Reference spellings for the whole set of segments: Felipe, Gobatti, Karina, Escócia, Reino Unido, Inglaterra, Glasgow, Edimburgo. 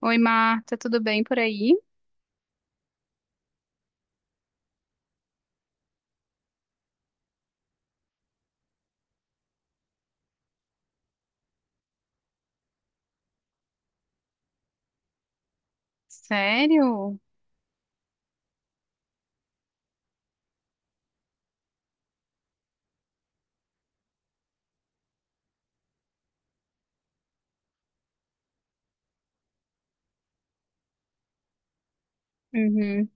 Oi, Marta, tudo bem por aí? Sério? Uhum.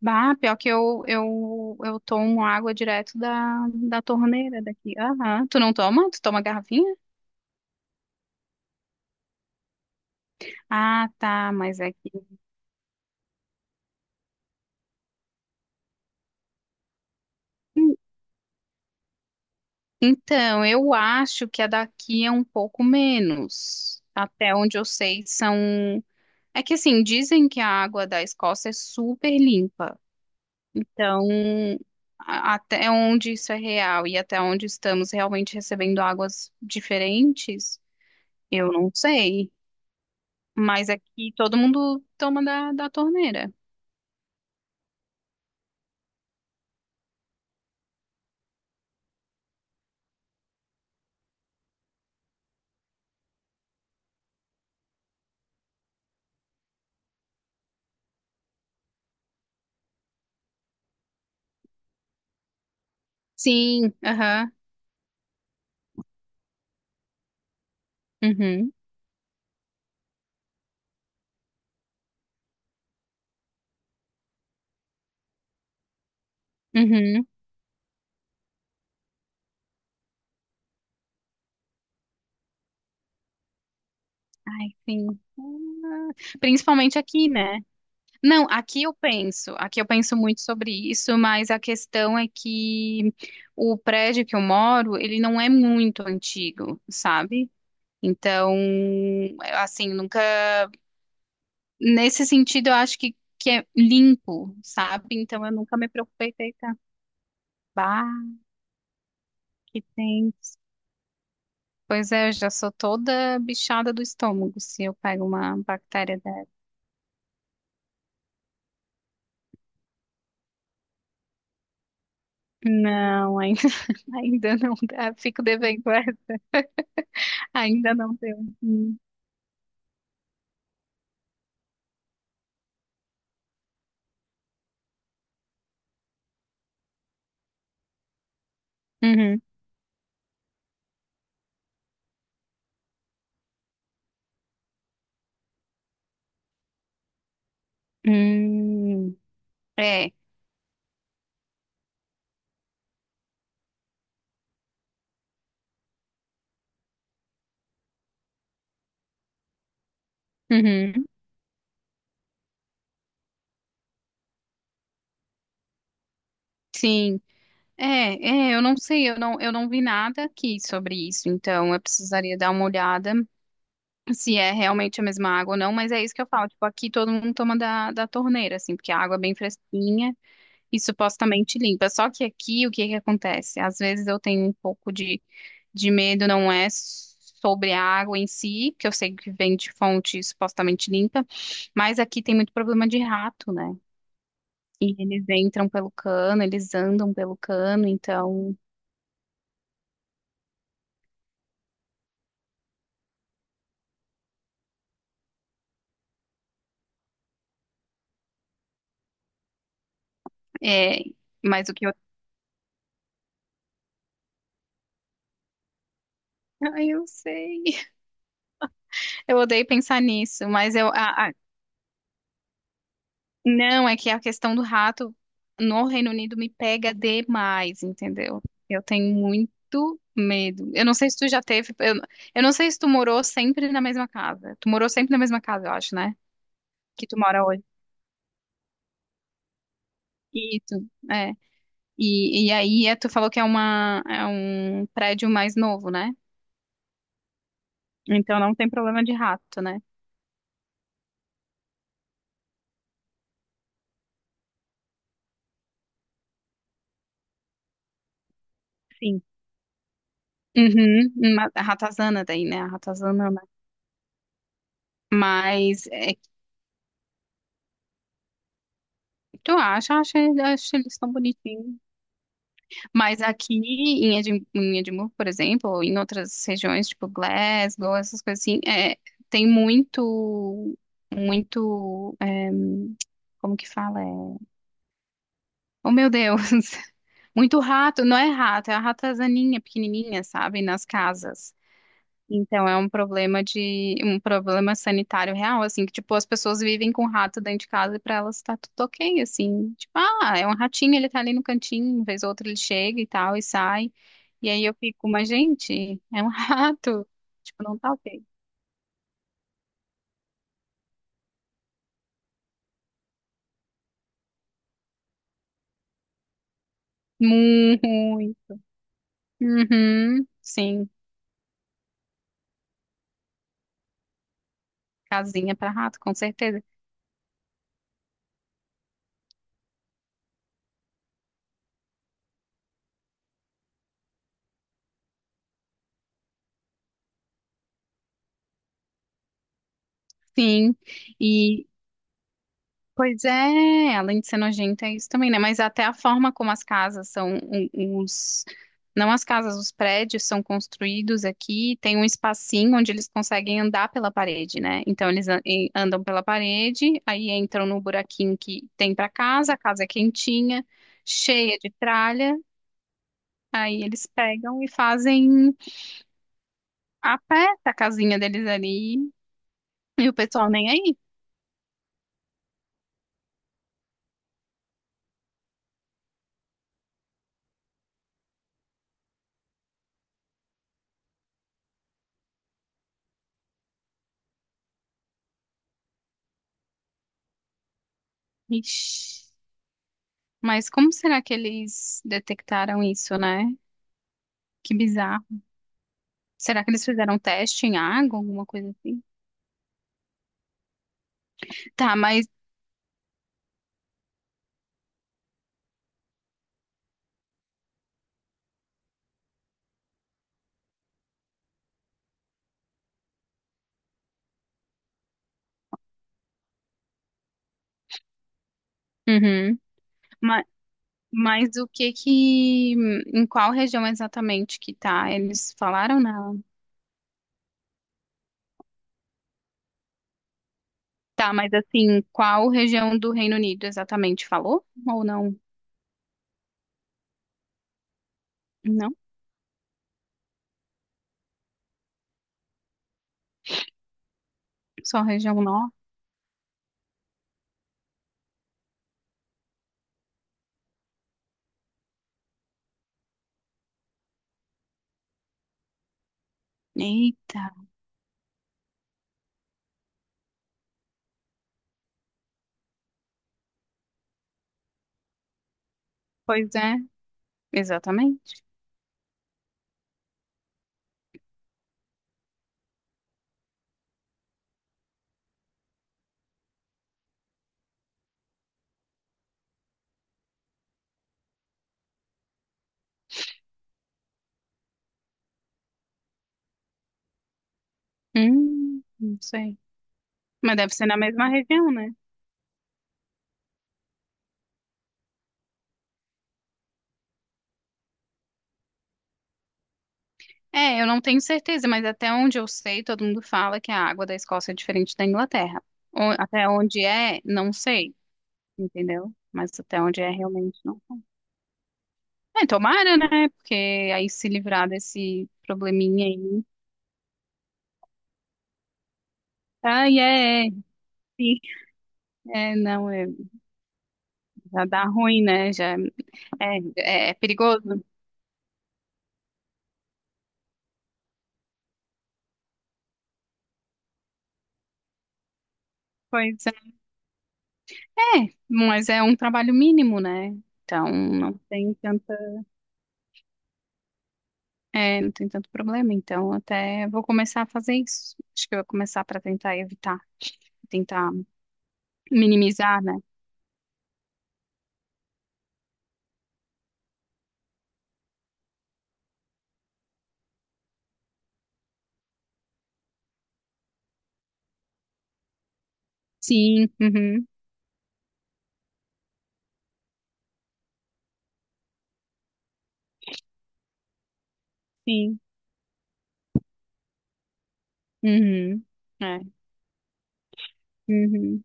Bah, pior que eu tomo água direto da torneira daqui. Aham. Tu não toma? Tu toma garrafinha? Ah, tá, mas é que. Hum, Então, eu acho que a daqui é um pouco menos. Até onde eu sei, são. É que assim, dizem que a água da Escócia é super limpa. Então, até onde isso é real e até onde estamos realmente recebendo águas diferentes, eu não sei. Mas aqui todo mundo toma da torneira. Sim, aham, uhum, uhum. Ai, sim. Ah, principalmente aqui, né? Não, aqui eu penso muito sobre isso, mas a questão é que o prédio que eu moro, ele não é muito antigo, sabe? Então, assim, nunca nesse sentido, eu acho que é limpo, sabe? Então eu nunca me preocupei com eita, bah, que tem. Pois é, eu já sou toda bichada do estômago se eu pego uma bactéria dessa. Não, ainda, ainda não dá. Fico devendo essa. Ainda não deu. Hum. Uhum. Hum. É. Uhum. Sim. É, é, eu não sei, eu não vi nada aqui sobre isso, então eu precisaria dar uma olhada. Se é realmente a mesma água ou não, mas é isso que eu falo. Tipo, aqui todo mundo toma da torneira, assim, porque a água é bem fresquinha e supostamente limpa. Só que aqui, o que que acontece? Às vezes eu tenho um pouco de medo, não é sobre a água em si, que eu sei que vem de fonte supostamente limpa, mas aqui tem muito problema de rato, né? E eles entram pelo cano, eles andam pelo cano, então, é, mas o que eu... Ai, eu sei. Eu odeio pensar nisso, mas não, é que a questão do rato no Reino Unido me pega demais, entendeu? Eu tenho muito medo. Eu não sei se tu já teve. Eu não sei se tu morou sempre na mesma casa. Tu morou sempre na mesma casa, eu acho, né? Que tu mora hoje. Isso, é. E aí, é, tu falou que é, uma, é um prédio mais novo, né? Então não tem problema de rato, né? Sim. Uhum, a ratazana daí, né? A ratazana, né? Mas é que tu acha, acha, acho eles tão bonitinhos. Mas aqui em em Edimburgo, por exemplo, ou em outras regiões, tipo Glasgow, essas coisas assim, é, tem muito, é, como que fala? É, oh, meu Deus! Muito rato, não é rato, é a ratazaninha pequenininha, sabe? Nas casas. Então é um problema de um problema sanitário real, assim, que tipo as pessoas vivem com o rato dentro de casa e para elas tá tudo ok, assim, tipo, ah, é um ratinho, ele tá ali no cantinho, uma vez ou outra ele chega e tal e sai. E aí eu fico, mas gente, é um rato. Tipo, não tá ok. Muito ruim. Uhum, sim, casinha para rato, com certeza. Sim. Pois é, além de ser nojenta é isso também, né? Mas até a forma como as casas são, não as casas, os prédios são construídos aqui, tem um espacinho onde eles conseguem andar pela parede, né? Então andam pela parede, aí entram no buraquinho que tem para casa, a casa é quentinha, cheia de tralha, aí eles pegam e fazem a pé a casinha deles ali, e o pessoal nem aí. Ixi. Mas como será que eles detectaram isso, né? Que bizarro. Será que eles fizeram um teste em água, alguma coisa assim? Tá, mas, uhum. Mas, mas o que que, em qual região exatamente que tá? Eles falaram não. Tá, mas assim, qual região do Reino Unido exatamente falou? Ou não? Não? Só região norte? Eita, pois é, exatamente. Não sei. Mas deve ser na mesma região, né? É, eu não tenho certeza, mas até onde eu sei, todo mundo fala que a água da Escócia é diferente da Inglaterra. Até onde é, não sei, entendeu? Mas até onde é, realmente não. É, tomara, né? Porque aí se livrar desse probleminha aí. Ah, é, é, sim. É, não, é, já dá ruim, né? Já é, é, é perigoso. Pois é. É, mas é um trabalho mínimo, né? Então, não tem tanto. É, não tem tanto problema, então até vou começar a fazer isso. Acho que eu vou começar para tentar evitar, tentar minimizar, né? Sim, uhum, sim, uhum, é, uhum.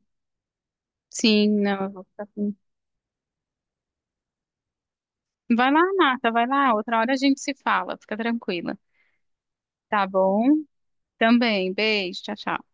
Sim, não, eu vou ficar assim. Vai lá, Marta, vai lá, outra hora a gente se fala, fica tranquila. Tá bom? Também, beijo, tchau, tchau.